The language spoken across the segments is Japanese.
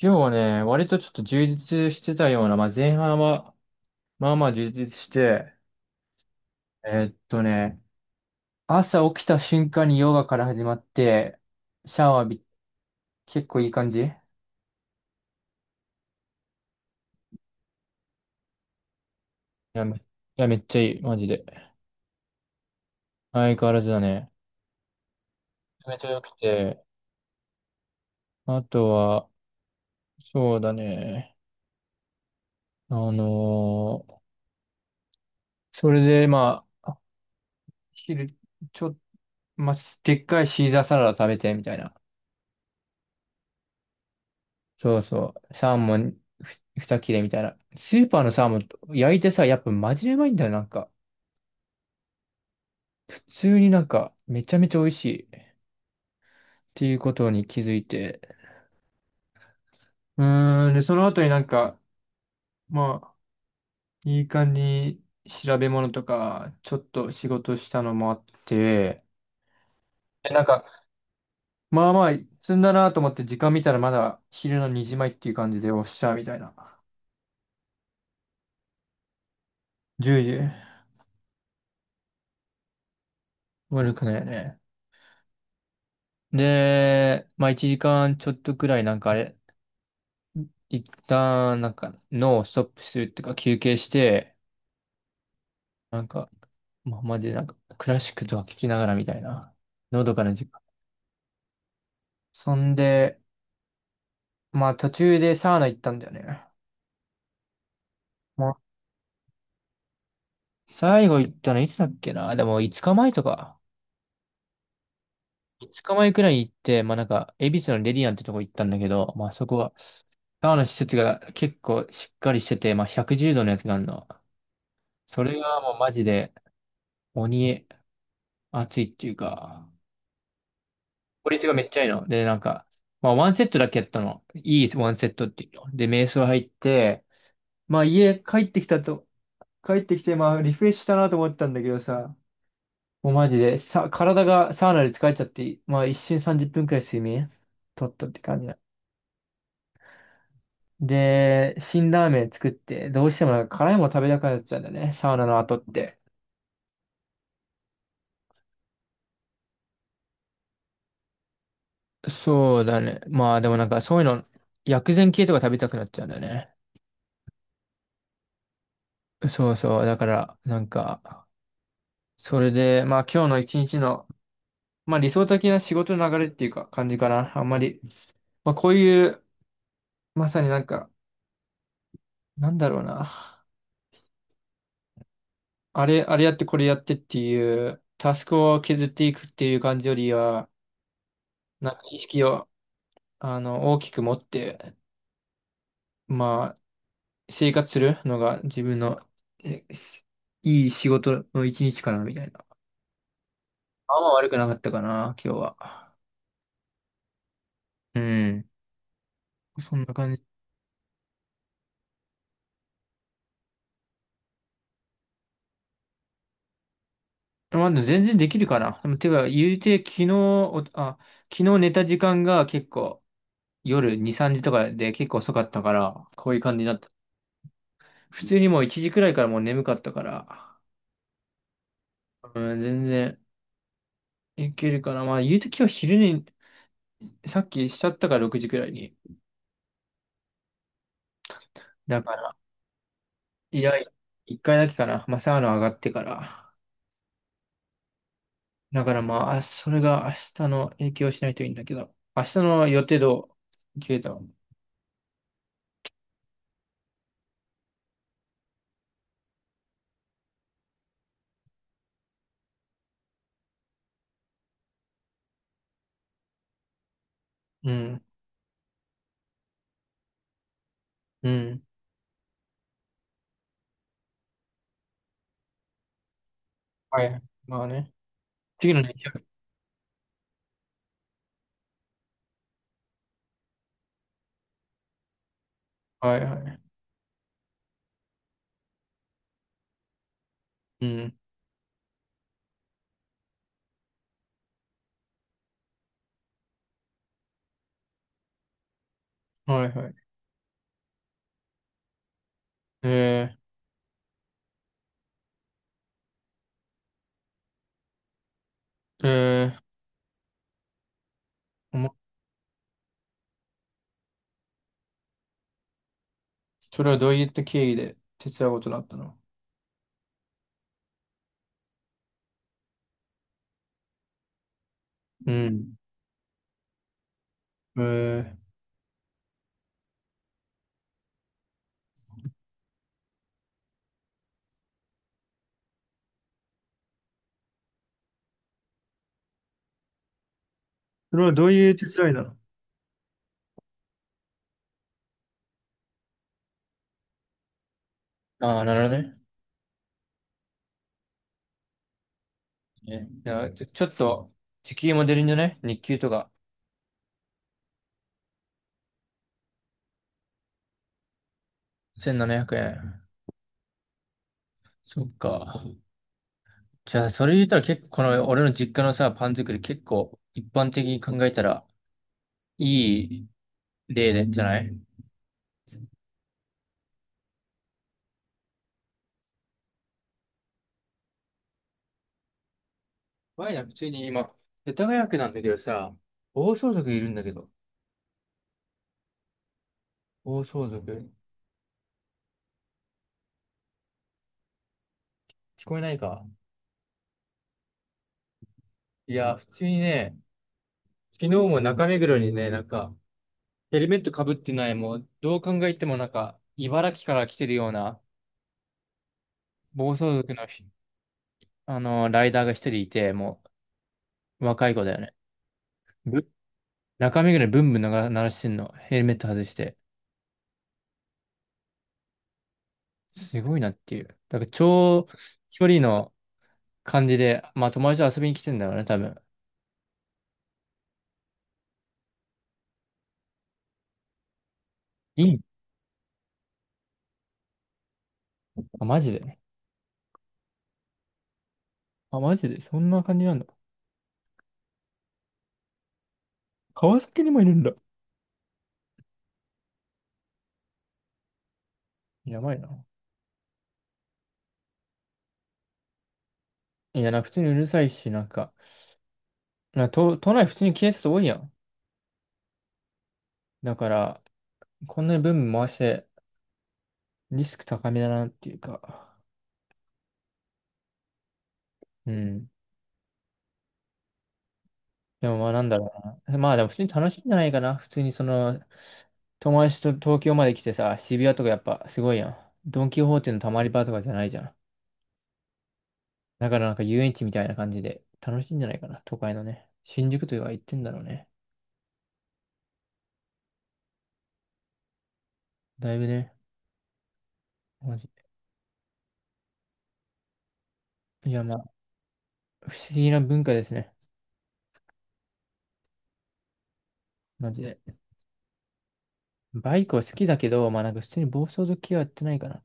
今日はね、割とちょっと充実してたような、まあ、前半は、まあまあ充実して、えーっとね、朝起きた瞬間にヨガから始まって、シャワー浴び、結構いい感じいや、やめっちゃいい、マジで。相変わらずだね。めっちゃ良くて、あとは、そうだね、あのーそれでまあ、昼、ちょ、まあ、でっかいシーザーサラダ食べて、みたいな。そうそう。サーモン二切れみたいな。スーパーのサーモン焼いてさ、やっぱマジでうまいんだよ、なんか。普通になんか、めちゃめちゃ美味しい、っていうことに気づいて。で、その後になんか、まあ、いい感じに調べ物とか、ちょっと仕事したのもあって、で、なんか、まあまあ、積んだなと思って時間見たらまだ昼の2時前っていう感じでおっしゃ、みたいな。10時。悪くないよね。で、まあ1時間ちょっとくらいなんかあれ、一旦、なんか、脳をストップするっていうか、休憩して、なんか、まあ、マジでなんか、クラシックとか聞きながらみたいな、のどかな時間。そんで、まあ、途中でサウナ行ったんだよね。まあ、最後行ったのいつだっけな、でも、5日前とか、5日前くらいに行って、まあ、なんか、恵比寿のレディアンってとこ行ったんだけど、まあ、そこは、サウナ施設が結構しっかりしてて、まあ、110度のやつがあるの。それがもうマジで、鬼、熱いっていうか、効率がめっちゃいいの。で、なんか、まあ、ワンセットだけやったの。いいワンセットっていうの。で、瞑想入って、まあ、家帰ってきたと、帰ってきて、まあ、リフレッシュしたなと思ったんだけどさ、もうマジで、さ、体がサウナで疲れちゃって、まあ、一瞬30分くらい睡眠取ったって感じだ。で、辛ラーメン作って、どうしてもなんか辛いもの食べたくなっちゃうんだよね、サウナの後って。そうだね。まあ、でもなんか、そういうの、薬膳系とか食べたくなっちゃうんだよね。そうそう。だから、なんか、それで、まあ今日の一日の、まあ理想的な仕事の流れっていうか感じかな。あんまり、まあこういう、まさになんか、なんだろうな。あれやってこれやってっていう、タスクを削っていくっていう感じよりは、なんか意識を、あの、大きく持って、まあ生活するのが自分の、えしいい仕事の一日かなみたいな。あんま悪くなかったかな、今日は。うん。そんな感じ。まあ、でも全然できるかな。でも、てか、言うて、昨日寝た時間が結構夜2、3時とかで結構遅かったから、こういう感じになった。普通にもう1時くらいからもう眠かったから、うん、全然いけるかな。まあ、言うて今日昼に、さっきしちゃったから6時くらいに。だから、いや、1回だけかな。まあ、サウナ上がってから。だからまあ、それが明日の影響しないといいんだけど、明日の予定どう？消えた、うん、うん。はい。まあね。次のね。はいはい。うん。はいはい。えー、えー、おもそれはどういった経緯で手伝うことになったの？うん。えー、それはどういう手伝いなの？ああ、なるほどね。ね、いや、ちょっと、時給も出るんじゃない？日給とか。1700円。そっか。じゃあ、それ言ったら結構、この俺の実家のさ、パン作り結構、一般的に考えたら、いい例で、じゃない？前な、普通に今、世田谷区なんだけどさ、暴走族いるんだけど。暴走族。聞こえないか。いや、普通にね、昨日も中目黒にね、なんか、ヘルメットかぶってない、もう、どう考えてもなんか、茨城から来てるような、暴走族のあの、ライダーが一人いて、もう、若い子だよね。ぶ中目黒にブンブン鳴らしてんの。ヘルメット外して。すごいなっていう。だから、超距離の感じで、まあ、友達と遊びに来てんだろうね、多分。いいあ、マジで。あ、マジで。そんな感じなんだ。川崎にもいるんだ。やばいな。いや、なんか普通にうるさいし、なんか、都内普通に警察多いやん。だから、こんなにブンブン回して、リスク高めだなっていうか。うん。でもまあなんだろうな。まあでも普通に楽しいんじゃないかな。普通にその、友達と東京まで来てさ、渋谷とかやっぱすごいやん。ドン・キホーテのたまり場とかじゃないじゃん。だからなんか遊園地みたいな感じで楽しいんじゃないかな。都会のね。新宿というか行ってんだろうね。だいぶね。マジ。いやまあ、不思議な文化ですね。マジで。バイクは好きだけど、まあなんか普通に暴走族系はやってないかな。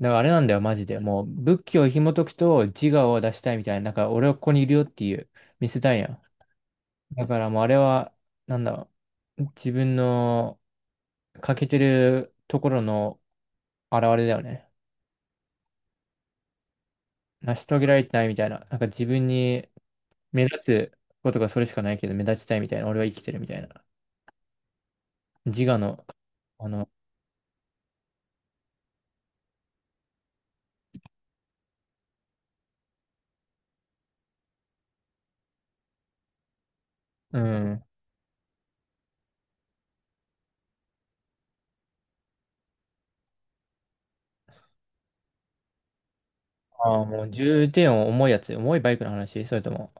だからあれなんだよ、マジで。もう、仏教を紐解くと自我を出したいみたいな、なんか俺はここにいるよっていう、見せたいやん。だからもうあれは、なんだろう、自分の欠けてるところの現れだよね。成し遂げられてないみたいな。なんか自分に目立つことがそれしかないけど、目立ちたいみたいな。俺は生きてるみたいな。自我の、あの、うん。ああ、もう重点を重いやつ。重いバイクの話それとも、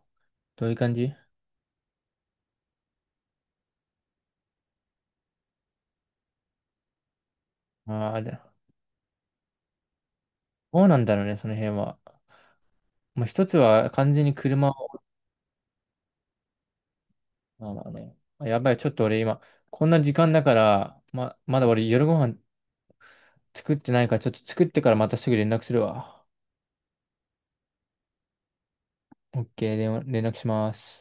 どういう感じ？ああー、あれだ、そうなんだろうね、その辺は。まあ、一つは完全に車を、まあまあね、まあやばい、ちょっと俺今、こんな時間だから、まだ俺夜ご飯作ってないから、ちょっと作ってからまたすぐ連絡するわ。オッケー、連絡します。